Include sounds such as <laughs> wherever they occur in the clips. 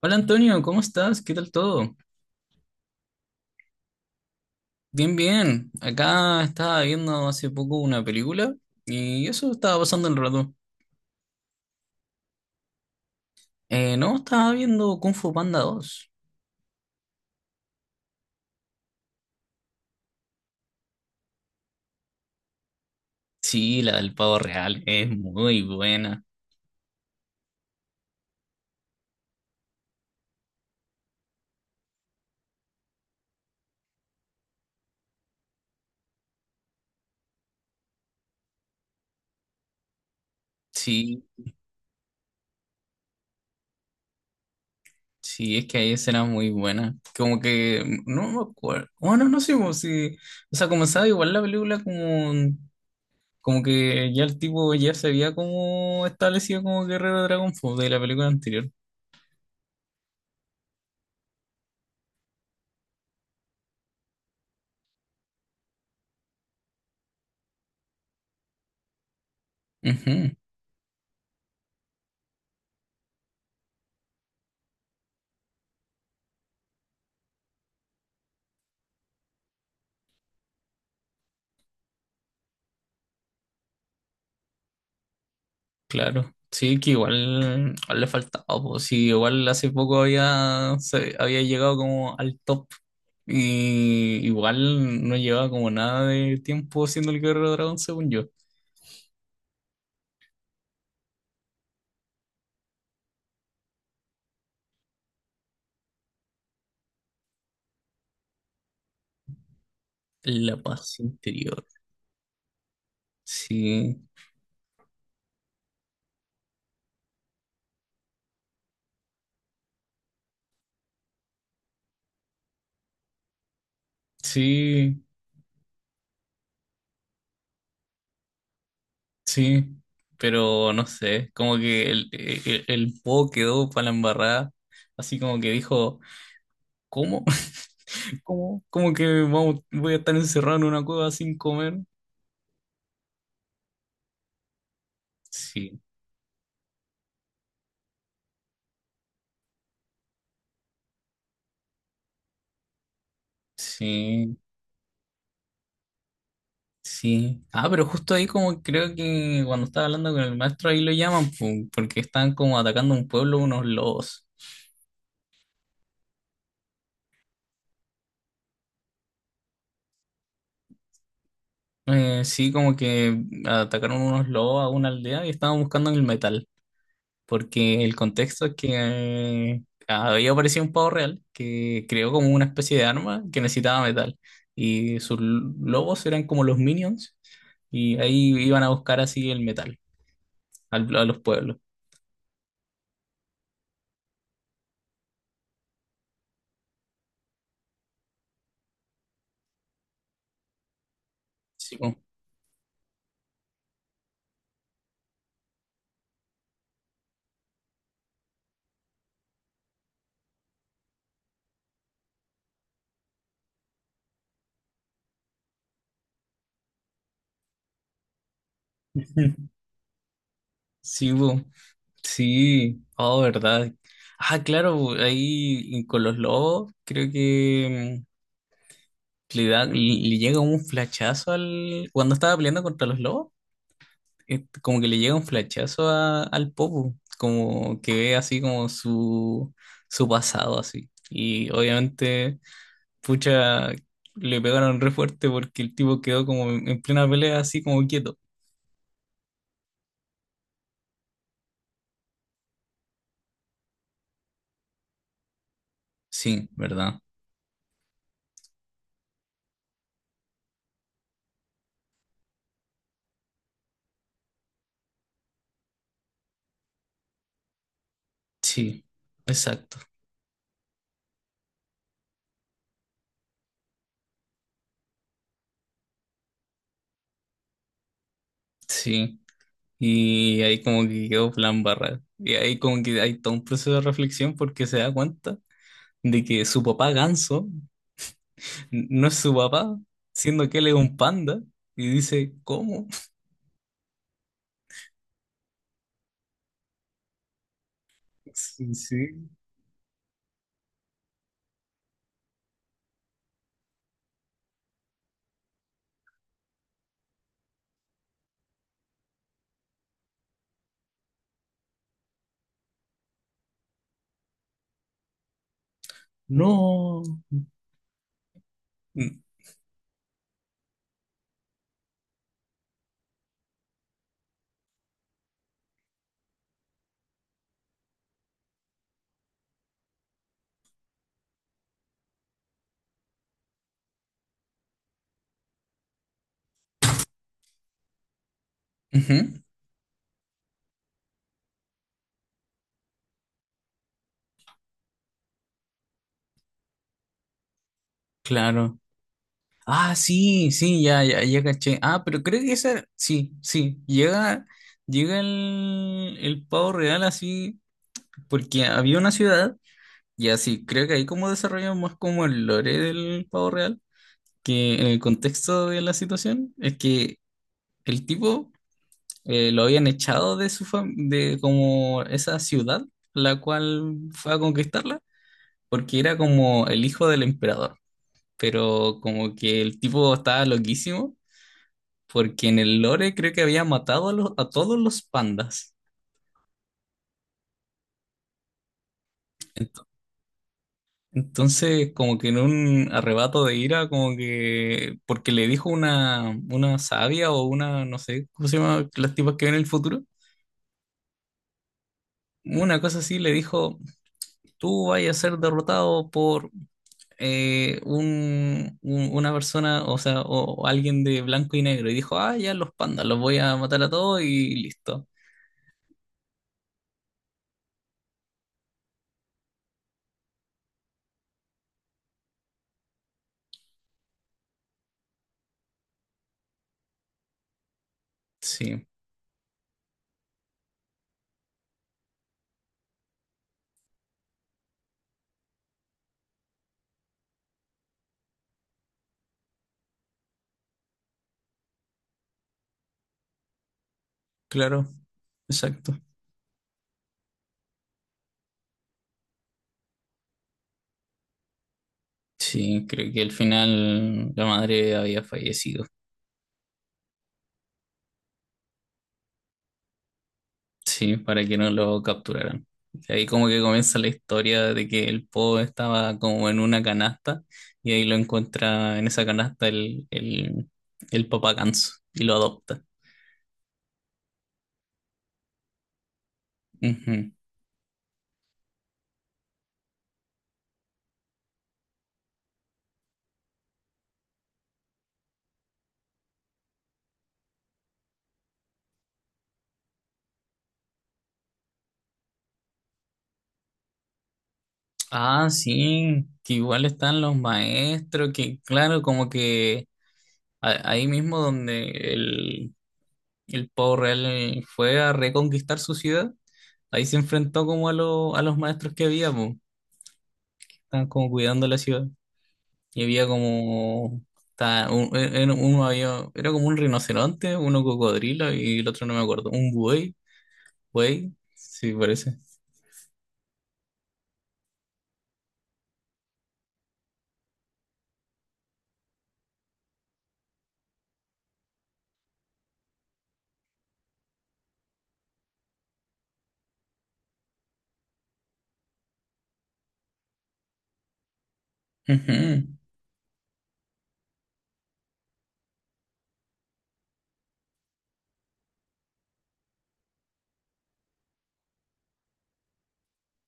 Hola Antonio, ¿cómo estás? ¿Qué tal todo? Bien, bien. Acá estaba viendo hace poco una película y eso estaba pasando el rato. No, estaba viendo Kung Fu Panda 2. Sí, la del pavo real, es muy buena. Sí, sí, es que ahí será muy buena. Como que no me acuerdo. Bueno, no sé como si. O sea, comenzaba igual la película como. Como que ya el tipo ya se había como establecido como guerrero de Dragon Fu de la película anterior. Ujú. Claro, sí, que igual, igual le faltaba, pues sí, igual hace poco había, había llegado como al top y igual no llevaba como nada de tiempo siendo el Guerrero Dragón, según yo. La paz interior, sí, sí, sí, pero no sé, como que el Po quedó para la embarrada, así como que dijo, ¿cómo? <laughs> ¿Cómo? ¿Cómo que vamos, voy a estar encerrado en una cueva sin comer? Sí, sí. Sí. Ah, pero justo ahí como creo que cuando estaba hablando con el maestro ahí lo llaman pu, porque están como atacando un pueblo unos lobos. Sí, como que atacaron unos lobos a una aldea y estaban buscando el metal, porque el contexto es que había aparecido un pavo real que creó como una especie de arma que necesitaba metal y sus lobos eran como los minions y ahí iban a buscar así el metal a los pueblos. Sí, pu. <laughs> Sí, bu. Sí, oh, verdad. Ah, claro, ahí y con los lobos, creo que le da, le llega un flachazo al. Cuando estaba peleando contra los lobos, como que le llega un flachazo al Popo, como que ve así como su pasado así. Y obviamente, pucha, le pegaron re fuerte porque el tipo quedó como en plena pelea así como quieto. Sí, ¿verdad? Sí, exacto. Sí. Y ahí como que quedó plan barra. Y ahí como que hay todo un proceso de reflexión porque se da cuenta de que su papá Ganso no es su papá, siendo que él es un panda. Y dice, ¿cómo? <laughs> Sí, sí. No. Mm, ujú, claro. Ah, sí, sí, ya, ya, ya caché. Ah, pero creo que esa, sí, sí, llega, llega el pavo real así, porque había una ciudad, y así, creo que ahí como desarrollan más como el lore del pavo real que en el contexto de la situación es que el tipo lo habían echado de su de como esa ciudad la cual fue a conquistarla porque era como el hijo del emperador, pero como que el tipo estaba loquísimo porque en el lore creo que había matado a, a todos los pandas. Ento- Entonces, como que en un arrebato de ira, como que porque le dijo una sabia o una, no sé, ¿cómo se llama? Las tipas que ven el futuro. Una cosa así le dijo, tú vas a ser derrotado por una persona, o sea, o alguien de blanco y negro. Y dijo, ah, ya los pandas, los voy a matar a todos y listo. Sí, claro, exacto. Sí, creo que al final la madre había fallecido, sí, para que no lo capturaran. Y ahí como que comienza la historia de que el Po estaba como en una canasta y ahí lo encuentra en esa canasta el papá ganso y lo adopta. Ujú. Ah, sí, que igual están los maestros, que claro, como que ahí mismo donde el Pavo Real fue a reconquistar su ciudad, ahí se enfrentó como a, a los maestros que había, pues, estaban como cuidando la ciudad. Y había como, uno había, era como un rinoceronte, uno cocodrilo y el otro no me acuerdo, un buey, buey, sí parece. Ujú.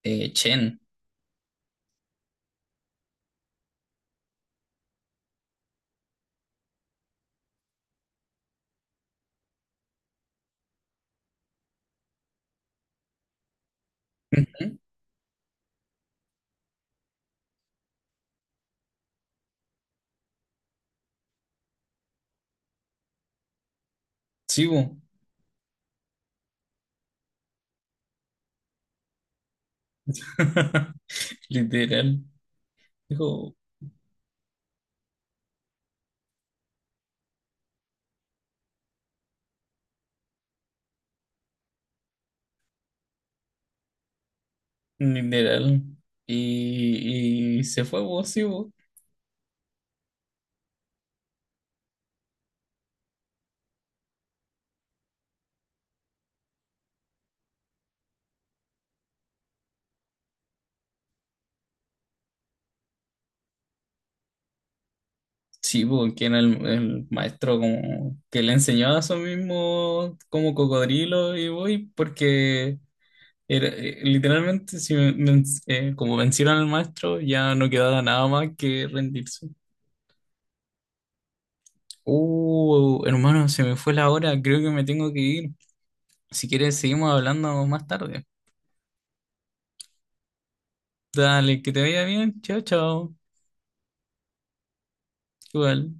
Chen. Ujú. Sí, po. <laughs> Literal, dijo, literal. Y se fue vos. Sí, porque era el maestro como que le enseñaba a su mismo como cocodrilo y voy, porque era, literalmente si como vencieron al maestro ya no quedaba nada más que rendirse. Hermano, se me fue la hora, creo que me tengo que ir. Si quieres seguimos hablando más tarde. Dale, que te vaya bien, chao, chao. Igual.